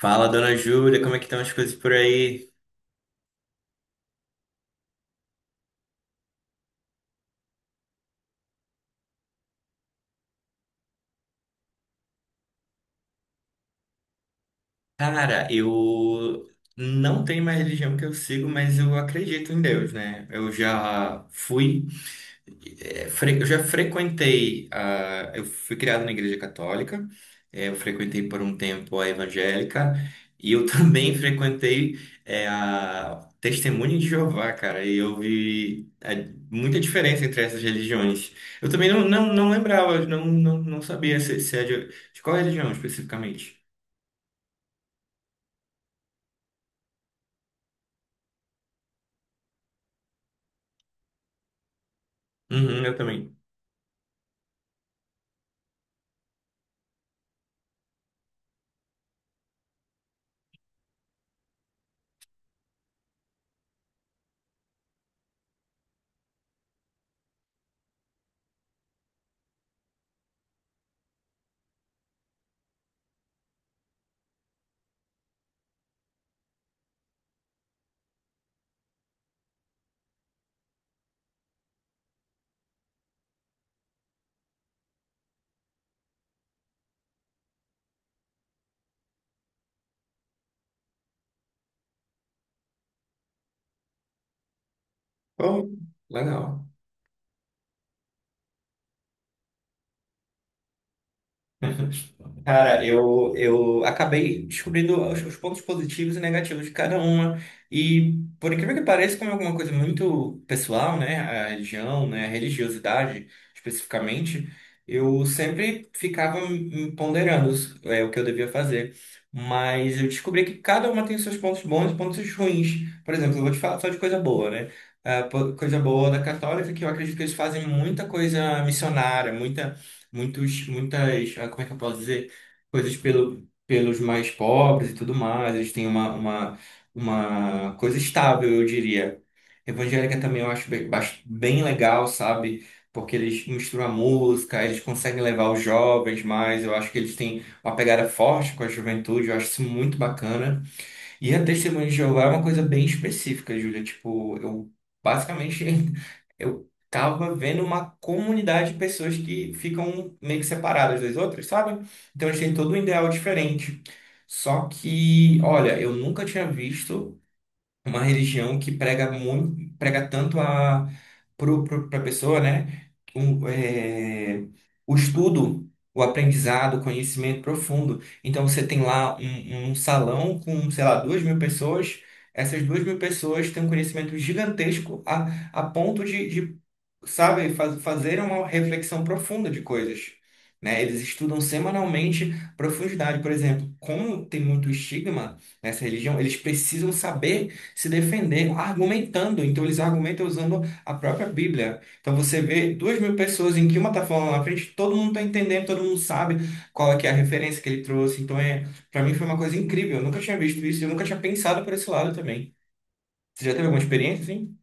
Fala, dona Júlia, como é que estão as coisas por aí? Cara, eu não tenho mais religião que eu sigo, mas eu acredito em Deus, né? Eu já fui é, fre- eu já frequentei a, Eu fui criado na igreja católica. Eu frequentei por um tempo a evangélica e eu também frequentei a Testemunha de Jeová, cara. E eu vi muita diferença entre essas religiões. Eu também não lembrava, não sabia se é de qual religião especificamente. Uhum, eu também. Oh, legal. Cara, eu acabei descobrindo os pontos positivos e negativos de cada uma. E, por incrível que pareça, como é alguma coisa muito pessoal, né? A religião, né? A religiosidade, especificamente, eu sempre ficava me ponderando o que eu devia fazer. Mas eu descobri que cada uma tem seus pontos bons e pontos ruins. Por exemplo, eu vou te falar só de coisa boa, né? Coisa boa da católica é que eu acredito que eles fazem muita coisa missionária, muita, muitos, muitas, como é que eu posso dizer? Coisas pelos mais pobres e tudo mais. Eles têm uma coisa estável, eu diria. Evangélica também eu acho bem legal, sabe? Porque eles misturam a música, eles conseguem levar os jovens mais. Eu acho que eles têm uma pegada forte com a juventude, eu acho isso muito bacana. E a Testemunha de Jeová é uma coisa bem específica, Júlia. Tipo, eu basicamente eu tava vendo uma comunidade de pessoas que ficam meio que separadas das outras, sabe? Então eles têm todo um ideal diferente. Só que, olha, eu nunca tinha visto uma religião que prega muito, prega tanto a para a pessoa, né? Um, é, o estudo, o aprendizado, o conhecimento profundo. Então você tem lá um salão com, sei lá, 2.000 pessoas. Essas 2.000 pessoas têm um conhecimento gigantesco a ponto de sabe, fazer uma reflexão profunda de coisas, né? Eles estudam semanalmente profundidade, por exemplo, como tem muito estigma nessa religião, eles precisam saber se defender argumentando, então eles argumentam usando a própria Bíblia. Então você vê 2.000 pessoas em que uma tá falando lá na frente, todo mundo tá entendendo, todo mundo sabe qual é que é a referência que ele trouxe. Então para mim foi uma coisa incrível, eu nunca tinha visto isso, eu nunca tinha pensado por esse lado também. Você já teve alguma experiência, assim?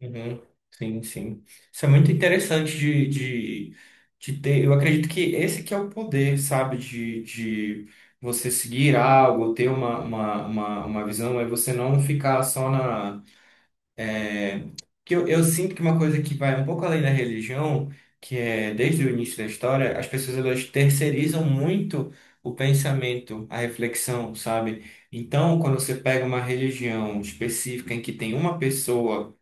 Uhum, sim, sim. Isso é muito interessante de ter. Eu acredito que esse que é o poder, sabe? De você seguir algo, ter uma visão, é você não ficar só na. É... Que eu sinto que uma coisa que vai um pouco além da religião, que é desde o início da história, as pessoas elas terceirizam muito o pensamento, a reflexão, sabe? Então, quando você pega uma religião específica em que tem uma pessoa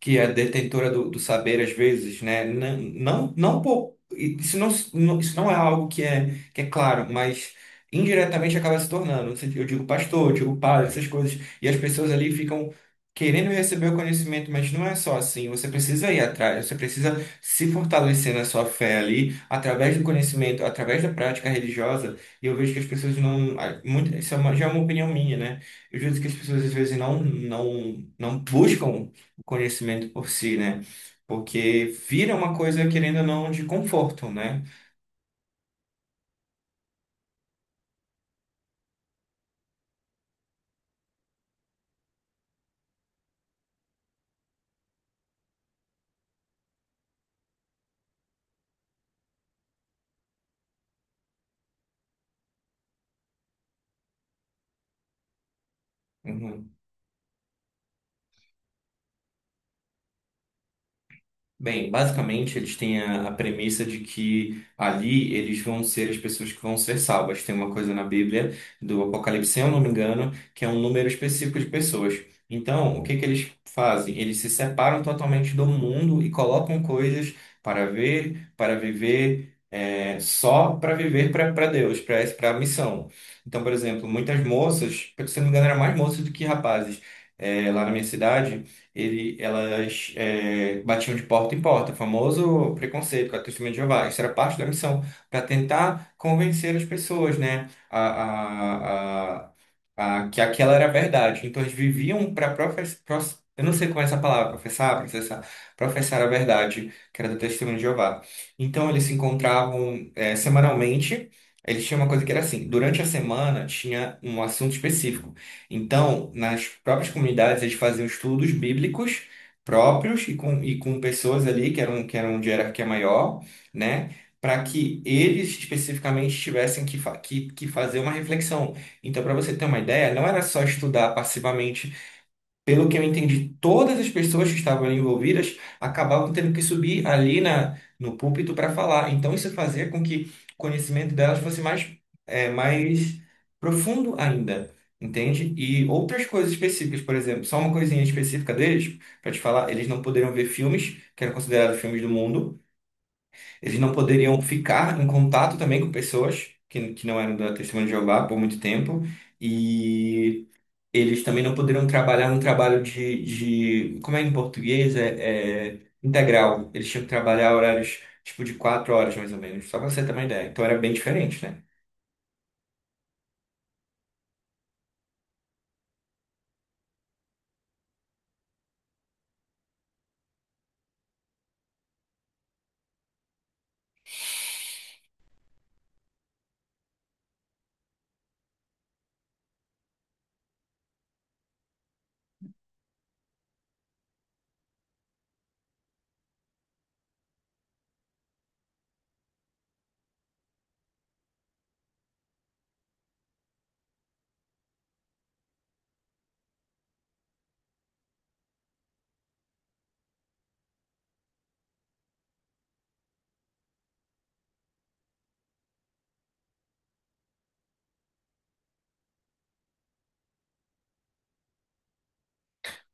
que é detentora do saber às vezes, né? Não, isso não é algo que é claro, mas indiretamente acaba se tornando. No sentido, eu digo pastor, eu digo padre, essas coisas, e as pessoas ali ficam querendo receber o conhecimento, mas não é só assim. Você precisa ir atrás, você precisa se fortalecer na sua fé ali, através do conhecimento, através da prática religiosa. E eu vejo que as pessoas não, ah, muito, isso é uma, já é uma opinião minha, né? Eu vejo que as pessoas às vezes não buscam o conhecimento por si, né? Porque vira uma coisa, querendo ou não, de conforto, né? Uhum. Bem, basicamente eles têm a premissa de que ali eles vão ser as pessoas que vão ser salvas. Tem uma coisa na Bíblia do Apocalipse, se eu não me engano, que é um número específico de pessoas. Então, o que que eles fazem? Eles se separam totalmente do mundo e colocam coisas para ver, para viver, só para viver para Deus, para a missão. Então, por exemplo, muitas moças, se eu não me engano, eram mais moças do que rapazes. É, lá na minha cidade elas batiam de porta em porta, o famoso preconceito com a Testemunha de Jeová. Isso era parte da missão, para tentar convencer as pessoas, né, que aquela era a verdade. Então eles viviam para professar, eu não sei como é essa palavra, professar, processar, professar a verdade, que era do testemunho de Jeová. Então eles se encontravam semanalmente. Eles tinham uma coisa que era assim, durante a semana tinha um assunto específico. Então, nas próprias comunidades, eles faziam estudos bíblicos próprios e com pessoas ali que eram de hierarquia maior, né? Para que eles especificamente tivessem que fazer uma reflexão. Então, para você ter uma ideia, não era só estudar passivamente, pelo que eu entendi, todas as pessoas que estavam ali envolvidas acabavam tendo que subir ali no púlpito para falar. Então, isso fazia com que o conhecimento delas fosse mais profundo ainda, entende? E outras coisas específicas, por exemplo, só uma coisinha específica deles, para te falar, eles não poderiam ver filmes que eram considerados filmes do mundo, eles não poderiam ficar em contato também com pessoas que não eram da Testemunha de Jeová por muito tempo. E eles também não poderiam trabalhar um trabalho de, como é em português, é integral. Eles tinham que trabalhar horários tipo de 4 horas, mais ou menos, só para você ter uma ideia. Então era bem diferente, né?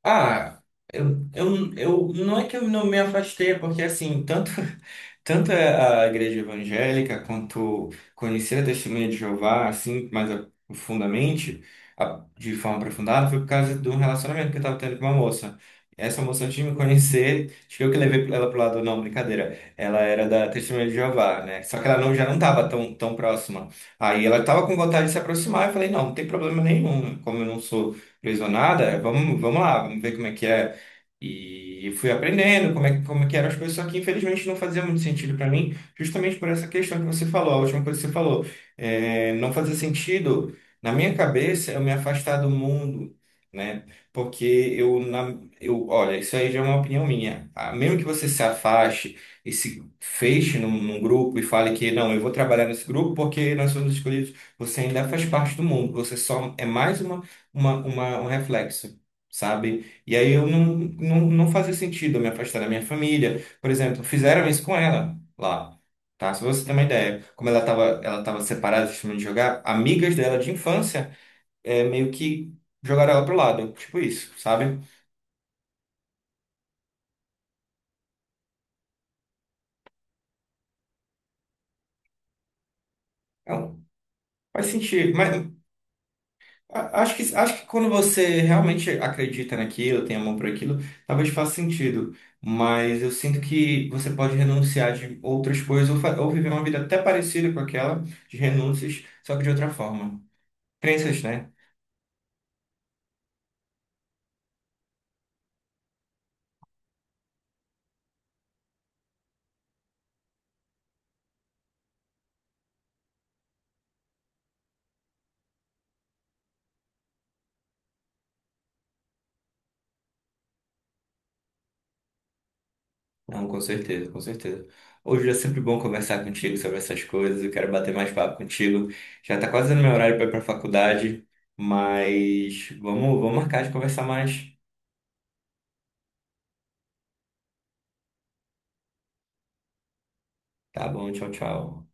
Ah, eu não é que eu não me afastei, é porque assim, tanto tanto é a igreja evangélica quanto conhecer a Testemunha de Jeová, assim, mais profundamente, de forma aprofundada, foi por causa de um relacionamento que eu estava tendo com uma moça. Essa moça antes de me conhecer, acho que eu que levei ela pro lado, não, brincadeira. Ela era da Testemunha de Jeová, né? Só que ela não, já não estava tão, tão próxima. Aí ela estava com vontade de se aproximar, eu falei, não, não tem problema nenhum, como eu não sou lesionada, vamos lá, vamos ver como é, que- é e fui aprendendo como é, como é que eram as coisas, só que infelizmente não fazia muito sentido para mim, justamente por essa questão que você falou, a última coisa que você falou. É, não fazia sentido, na minha cabeça, eu me afastar do mundo, né? Porque olha, isso aí já é uma opinião minha. Ah, mesmo que você se afaste e se feche num grupo e fale que não, eu vou trabalhar nesse grupo porque nós somos escolhidos, você ainda faz parte do mundo, você só é mais um reflexo, sabe? E aí eu não fazia sentido eu me afastar da minha família. Por exemplo, fizeram isso com ela lá, tá? Se você tem uma ideia, como ela tava separada do time de jogar, amigas dela de infância meio que jogaram ela pro lado, tipo isso, sabe? Então, faz sentido, mas acho que quando você realmente acredita naquilo, tem amor por aquilo, talvez faça sentido. Mas eu sinto que você pode renunciar de outras coisas ou, ou viver uma vida até parecida com aquela, de renúncias, só que de outra forma. Crenças, né? Não, com certeza, com certeza. Hoje é sempre bom conversar contigo sobre essas coisas. Eu quero bater mais papo contigo. Já tá quase no meu horário para ir pra faculdade, mas vamos marcar de conversar mais. Tá bom, tchau, tchau.